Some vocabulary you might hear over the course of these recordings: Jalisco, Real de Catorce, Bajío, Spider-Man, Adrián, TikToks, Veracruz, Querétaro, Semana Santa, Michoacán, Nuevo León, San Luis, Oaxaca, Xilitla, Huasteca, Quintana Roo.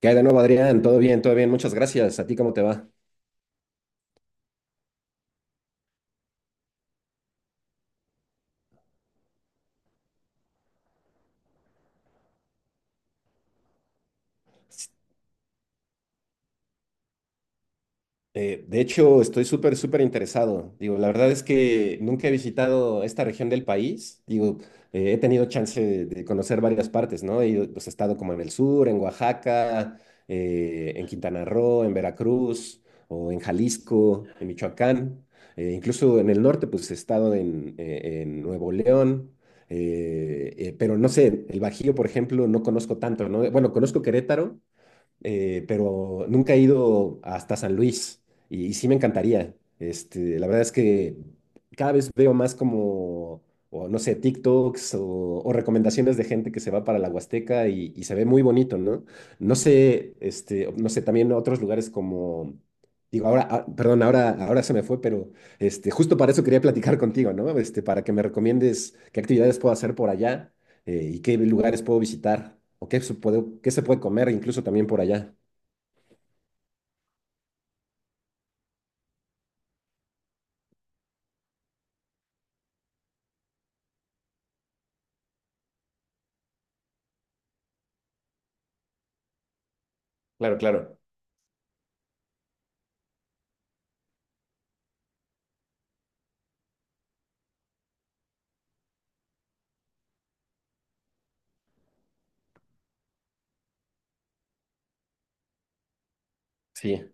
¿Qué hay de nuevo, Adrián? Todo bien, todo bien. Muchas gracias. ¿A ti cómo te va? De hecho, estoy súper, súper interesado. Digo, la verdad es que nunca he visitado esta región del país. Digo, he tenido chance de conocer varias partes, ¿no? He ido, pues, he estado como en el sur, en Oaxaca, en Quintana Roo, en Veracruz, o en Jalisco, en Michoacán. Incluso en el norte, pues he estado en Nuevo León. Pero no sé, el Bajío, por ejemplo, no conozco tanto, ¿no? Bueno, conozco Querétaro, pero nunca he ido hasta San Luis y sí me encantaría. Este, la verdad es que cada vez veo más como, o no sé, TikToks o recomendaciones de gente que se va para la Huasteca y se ve muy bonito, ¿no? No sé, este, no sé, también otros lugares como... Digo, ahora, perdón, ahora, ahora se me fue, pero este, justo para eso quería platicar contigo, ¿no? Este, para que me recomiendes qué actividades puedo hacer por allá, y qué lugares puedo visitar o qué se puede comer incluso también por allá. Claro, claro. Sí.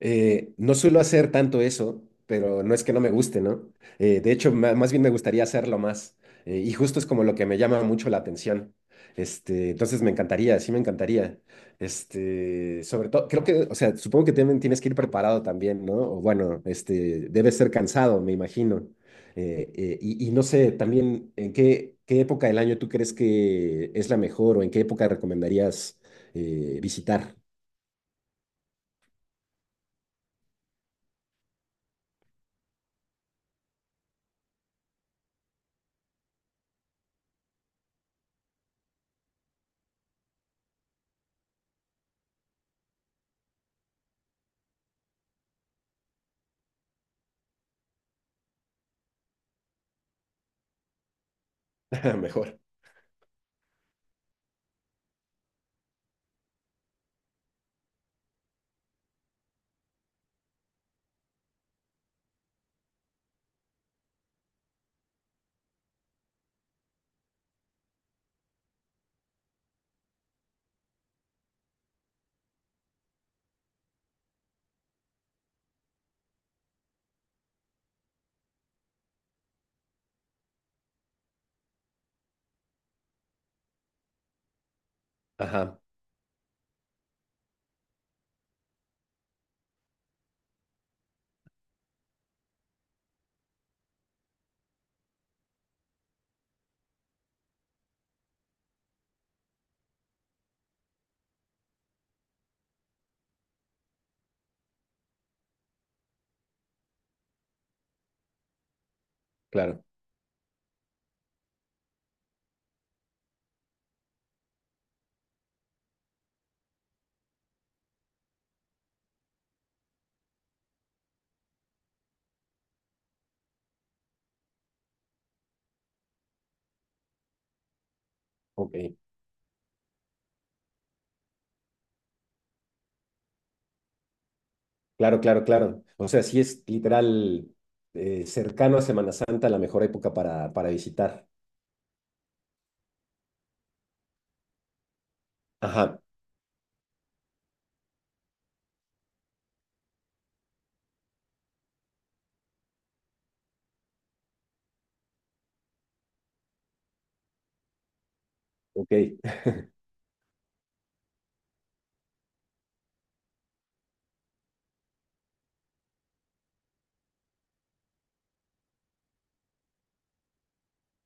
No suelo hacer tanto eso, pero no es que no me guste, ¿no? De hecho, más bien me gustaría hacerlo más. Y justo es como lo que me llama mucho la atención. Este, entonces me encantaría, sí me encantaría. Este, sobre todo, creo que, o sea, supongo que también tienes que ir preparado también, ¿no? O bueno, este, debes ser cansado, me imagino. Y, no sé, también, ¿en qué, qué época del año tú crees que es la mejor o en qué época recomendarías visitar? Mejor. Ajá, claro. Ok, claro, claro, claro. O sea, sí es literal, cercano a Semana Santa la mejor época para visitar. Ajá, ok.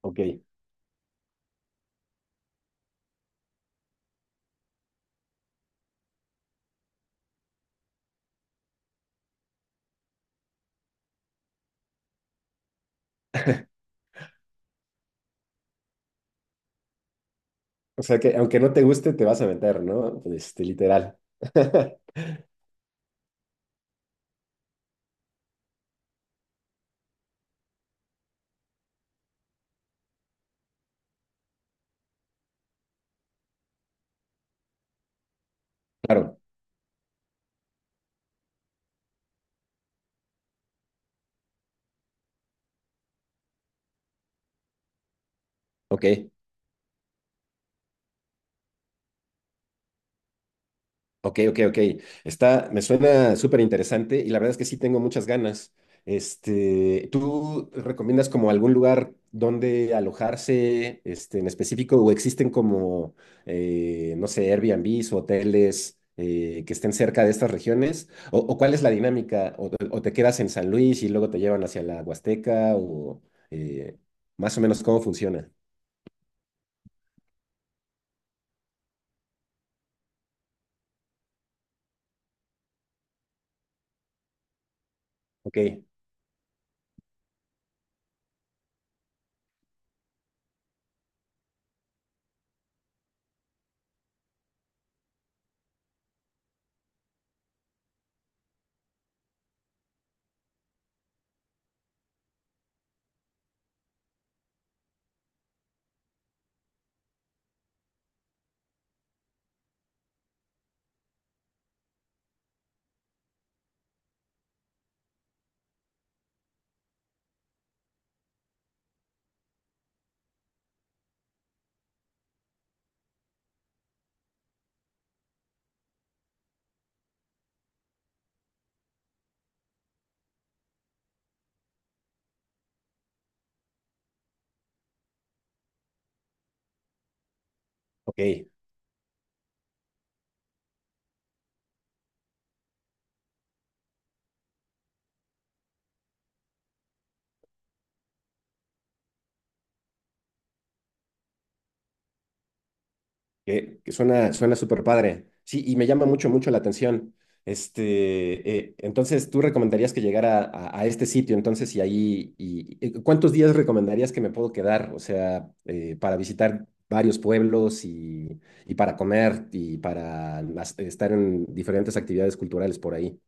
Ok. O sea que aunque no te guste, te vas a meter, ¿no? Este, literal. Claro, ok. Ok, ok, ok. Está, me suena súper interesante y la verdad es que sí tengo muchas ganas. Este, ¿tú recomiendas como algún lugar donde alojarse, este, en específico, o existen como, no sé, Airbnbs o hoteles que estén cerca de estas regiones? O cuál es la dinámica? O te quedas en San Luis y luego te llevan hacia la Huasteca? ¿O eh, más o menos cómo funciona? Ok, ok. Que suena, suena súper padre. Sí, y me llama mucho, mucho la atención. Este, entonces, tú recomendarías que llegara a este sitio, entonces, y ahí, y ¿cuántos días recomendarías que me puedo quedar? O sea, para visitar varios pueblos y para comer y para estar en diferentes actividades culturales por ahí.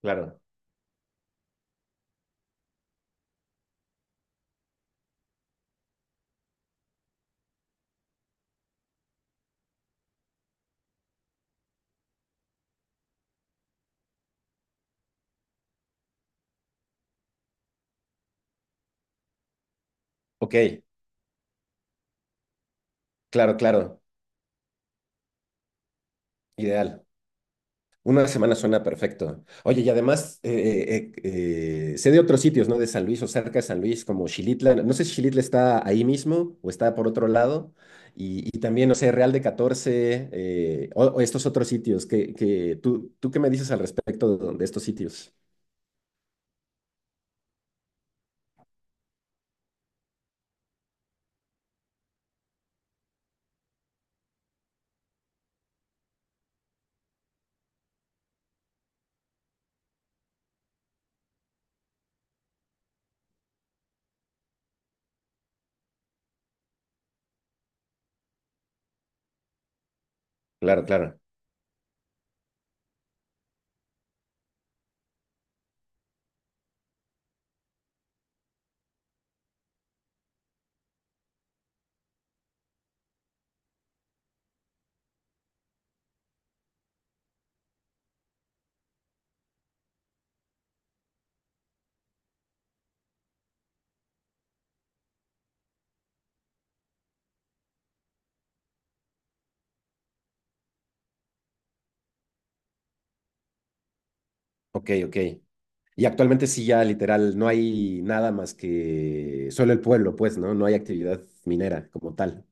Claro. Ok, claro, claro. Ideal. Una semana suena perfecto. Oye, y además sé de otros sitios, ¿no? De San Luis o cerca de San Luis, como Xilitla. No sé si Xilitla está ahí mismo o está por otro lado. Y también, no sé, Real de catorce, o estos otros sitios. Que, ¿tú, tú qué me dices al respecto de estos sitios? Claro, claro. Ok, ok. Y actualmente sí, ya literal, no hay nada más que solo el pueblo, pues, ¿no? No hay actividad minera como tal.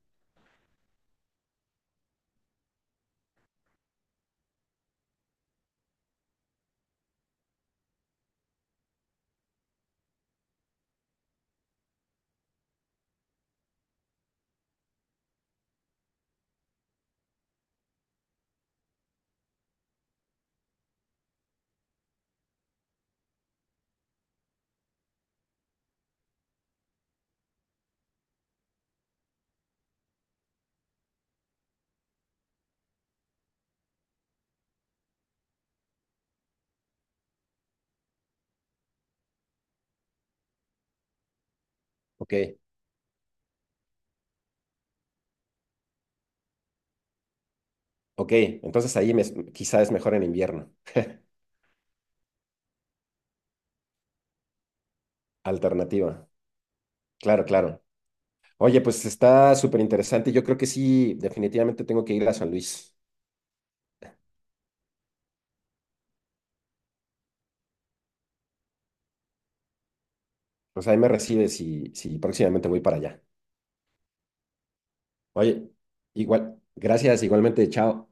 Ok, ok. Entonces ahí me, quizá es mejor en invierno. Alternativa. Claro, claro. Oye, pues está súper interesante. Yo creo que sí, definitivamente tengo que ir a San Luis. Pues ahí me recibes y, si próximamente voy para allá. Oye, igual, gracias, igualmente, chao.